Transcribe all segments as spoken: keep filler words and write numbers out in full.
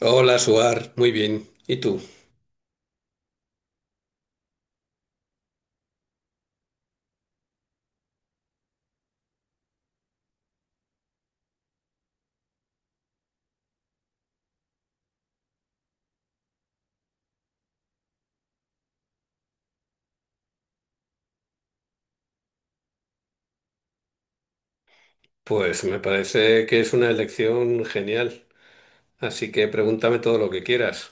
Hola, Suar, muy bien. ¿Y tú? Pues me parece que es una elección genial, así que pregúntame todo lo que quieras.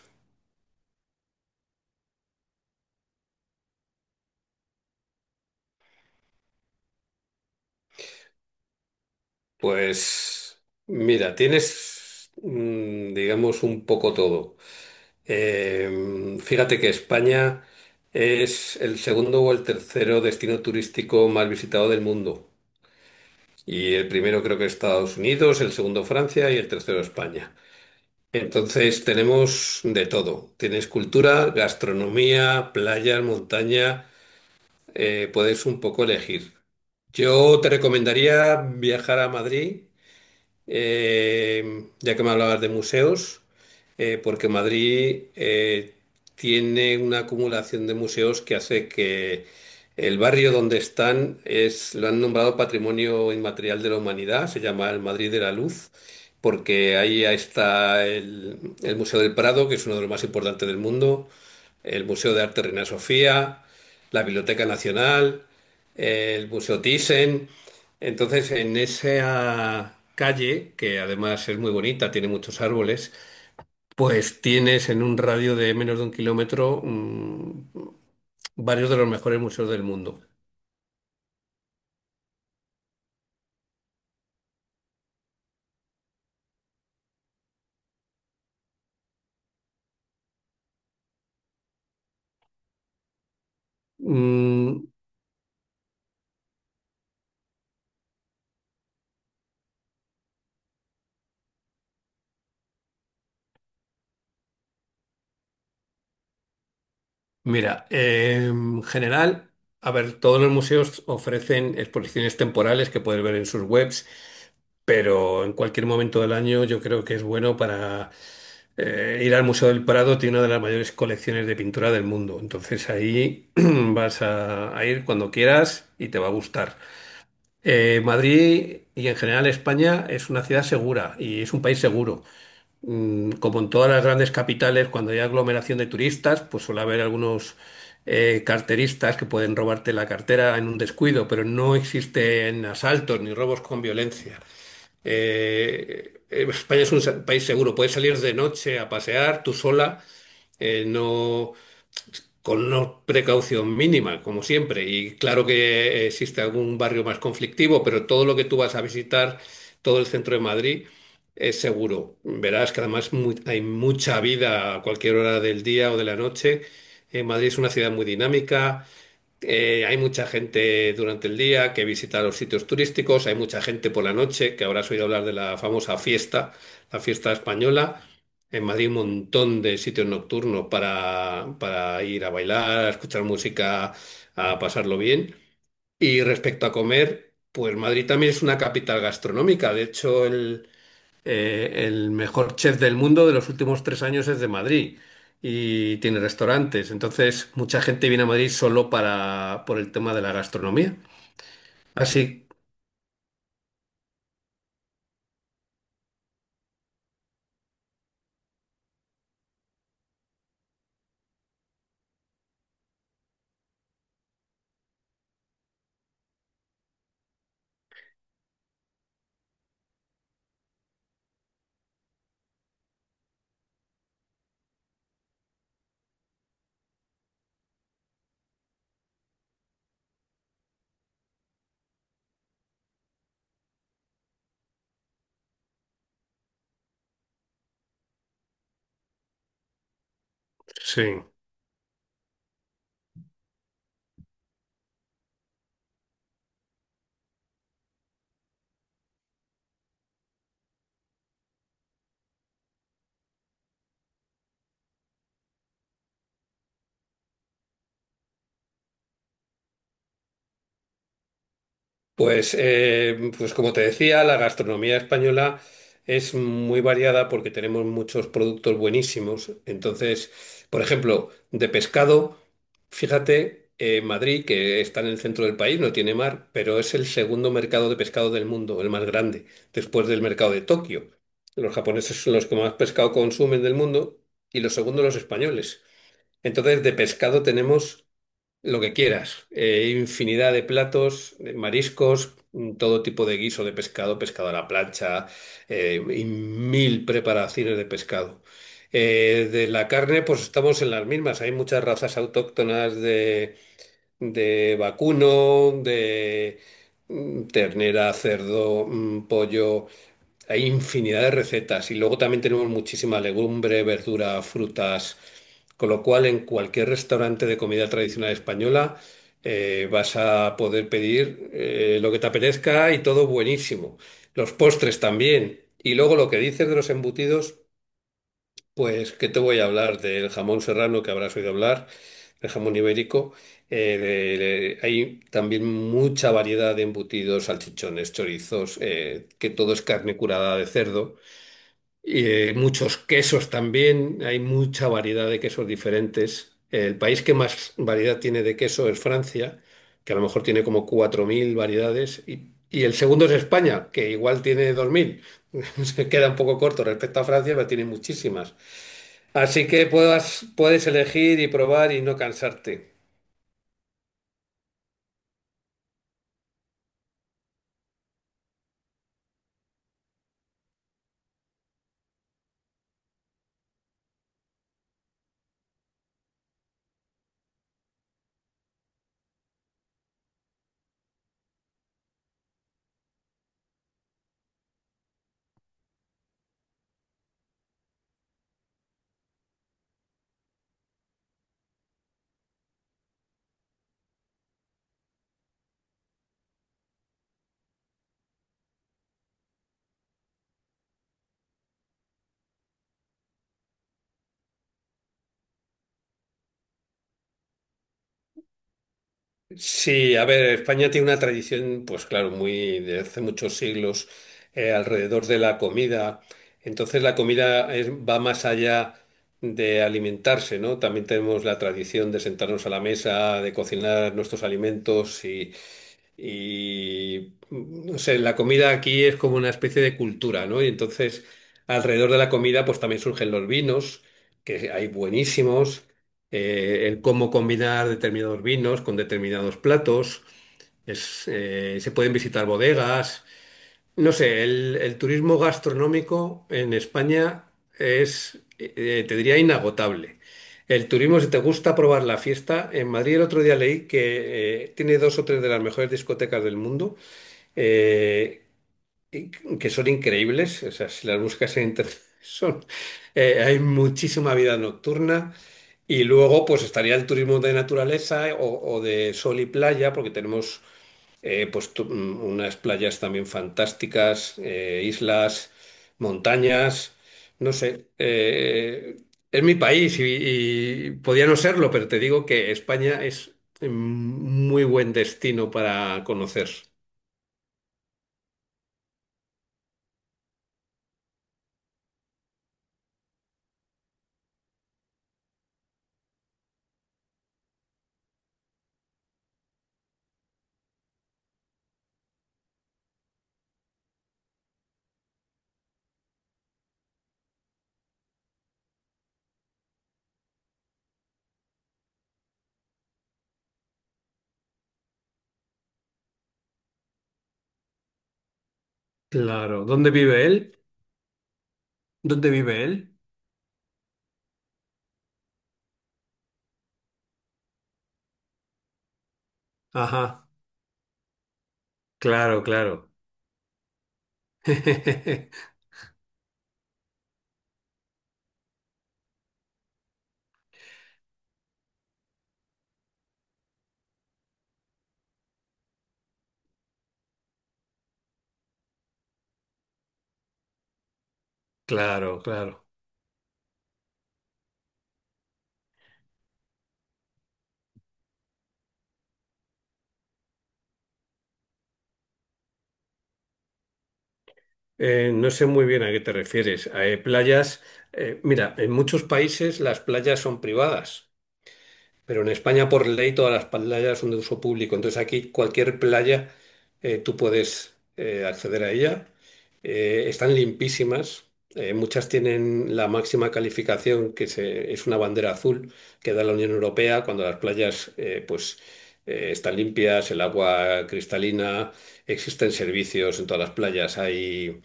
Pues mira, tienes, mm, digamos, un poco todo. Eh, fíjate que España es el segundo o el tercero destino turístico más visitado del mundo. Y el primero creo que es Estados Unidos, el segundo Francia y el tercero España. Entonces tenemos de todo. Tienes cultura, gastronomía, playas, montaña, eh, puedes un poco elegir. Yo te recomendaría viajar a Madrid eh, ya que me hablabas de museos, eh, porque Madrid eh, tiene una acumulación de museos que hace que el barrio donde están es, lo han nombrado Patrimonio Inmaterial de la Humanidad, se llama el Madrid de la Luz, porque ahí está el, el Museo del Prado, que es uno de los más importantes del mundo, el Museo de Arte Reina Sofía, la Biblioteca Nacional, el Museo Thyssen. Entonces, en esa calle, que además es muy bonita, tiene muchos árboles, pues tienes en un radio de menos de un kilómetro mm, varios de los mejores museos del mundo. Mm, mira, en general, a ver, todos los museos ofrecen exposiciones temporales que puedes ver en sus webs. Pero en cualquier momento del año yo creo que es bueno para eh, ir al Museo del Prado, tiene una de las mayores colecciones de pintura del mundo, entonces ahí vas a, a ir cuando quieras y te va a gustar. Eh, Madrid y en general España es una ciudad segura y es un país seguro. Mm, Como en todas las grandes capitales, cuando hay aglomeración de turistas, pues suele haber algunos eh, carteristas que pueden robarte la cartera en un descuido, pero no existen asaltos ni robos con violencia. Eh, eh, España es un sa- país seguro, puedes salir de noche a pasear tú sola, eh, no con una precaución mínima, como siempre. Y claro que existe algún barrio más conflictivo, pero todo lo que tú vas a visitar, todo el centro de Madrid, es seguro. Verás que además mu- hay mucha vida a cualquier hora del día o de la noche. Eh, Madrid es una ciudad muy dinámica. Eh, hay mucha gente durante el día que visita los sitios turísticos, hay mucha gente por la noche, que habrás oído hablar de la famosa fiesta, la fiesta española. En Madrid un montón de sitios nocturnos para, para ir a bailar, a escuchar música, a pasarlo bien. Y respecto a comer, pues Madrid también es una capital gastronómica. De hecho, el, eh, el mejor chef del mundo de los últimos tres años es de Madrid y tiene restaurantes. Entonces, mucha gente viene a Madrid solo para, por el tema de la gastronomía. Así, sí. Pues, eh, pues como te decía, la gastronomía española es muy variada porque tenemos muchos productos buenísimos. Entonces, por ejemplo, de pescado, fíjate, eh, Madrid, que está en el centro del país, no tiene mar, pero es el segundo mercado de pescado del mundo, el más grande, después del mercado de Tokio. Los japoneses son los que más pescado consumen del mundo y los segundos los españoles. Entonces, de pescado tenemos lo que quieras. Eh, infinidad de platos, de mariscos, mm, todo tipo de guiso de pescado, pescado a la plancha, eh, y mil preparaciones de pescado. Eh, de la carne, pues estamos en las mismas. Hay muchas razas autóctonas de vacuno, de mm, ternera, cerdo, mm, pollo. Hay infinidad de recetas y luego también tenemos muchísima legumbre, verdura, frutas, con lo cual en cualquier restaurante de comida tradicional española eh, vas a poder pedir eh, lo que te apetezca y todo buenísimo. Los postres también. Y luego lo que dices de los embutidos. Pues, ¿qué te voy a hablar? Del jamón serrano que habrás oído hablar, el jamón ibérico. Eh, de- de- hay también mucha variedad de embutidos, salchichones, chorizos, eh, que todo es carne curada de cerdo. Y, eh, muchos quesos también, hay mucha variedad de quesos diferentes. El país que más variedad tiene de queso es Francia, que a lo mejor tiene como cuatro mil variedades. Y, y el segundo es España, que igual tiene dos mil. Se queda un poco corto respecto a Francia, pero tiene muchísimas. Así que puedas, puedes elegir y probar y no cansarte. Sí, a ver, España tiene una tradición, pues claro, muy de hace muchos siglos eh, alrededor de la comida. Entonces la comida es- va más allá de alimentarse, ¿no? También tenemos la tradición de sentarnos a la mesa, de cocinar nuestros alimentos y, y no sé, la comida aquí es como una especie de cultura, ¿no? Y entonces alrededor de la comida, pues también surgen los vinos, que hay buenísimos eh, el cómo combinar determinados vinos con determinados platos. Es, eh, se pueden visitar bodegas. No sé, el, el turismo gastronómico en España es, eh, te diría, inagotable. El turismo, si te gusta probar la fiesta, en Madrid el otro día leí que eh, tiene dos o tres de las mejores discotecas del mundo. Eh, in- que son increíbles. O sea, si las buscas en internet, son, eh, hay muchísima vida nocturna. Y luego, pues estaría el turismo de naturaleza eh, o, o de sol y playa, porque tenemos eh, pues, tu- mm, unas playas también fantásticas, eh, islas, montañas, no sé. Eh, es mi país y, y podía no serlo, pero te digo que España es mm, muy buen destino para conocer. Claro. ¿Dónde vive él? ¿Dónde vive él? Ajá. Claro, claro, claro, claro. Eh, no sé muy bien a qué te refieres. A Eh, playas, eh, mira, en muchos países las playas son privadas. Pero en España, por ley, todas las playas son de uso público. Entonces aquí cualquier playa eh, tú puedes eh, acceder a ella. Eh, están limpísimas. Eh, muchas tienen la máxima calificación, que se- es una bandera azul que da la Unión Europea cuando las playas eh, pues, eh, están limpias, el agua cristalina, existen servicios en todas las playas. Hay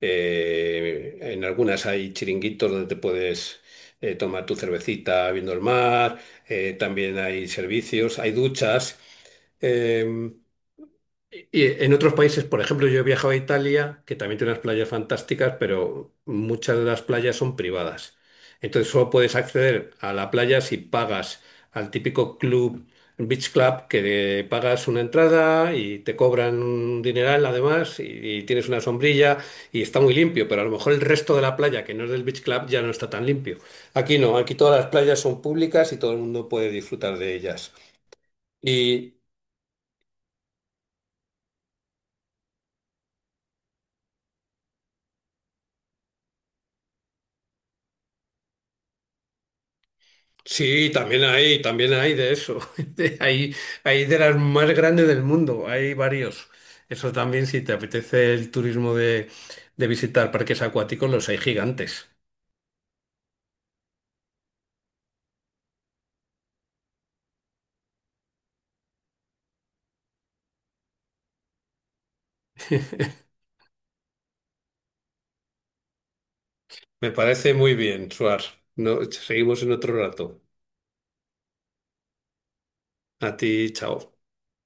eh, en algunas hay chiringuitos donde te puedes eh, tomar tu cervecita viendo el mar. Eh, también hay servicios, hay duchas. Em, y en otros países, por ejemplo, yo he viajado a Italia, que también tiene unas playas fantásticas, pero muchas de las playas son privadas. Entonces solo puedes acceder a la playa si pagas al típico club, beach club, que pagas una entrada y te cobran un dineral además, y, y tienes una sombrilla y está muy limpio, pero a lo mejor el resto de la playa, que no es del beach club, ya no está tan limpio. Aquí no, aquí todas las playas son públicas y todo el mundo puede disfrutar de ellas. Y sí, también hay, también hay de eso. De- Hay, hay de las más grandes del mundo, hay varios. Eso también, si te apetece el turismo de, de visitar parques acuáticos, los hay gigantes. Me parece muy bien, Suar. No, seguimos en otro rato. A ti, chao.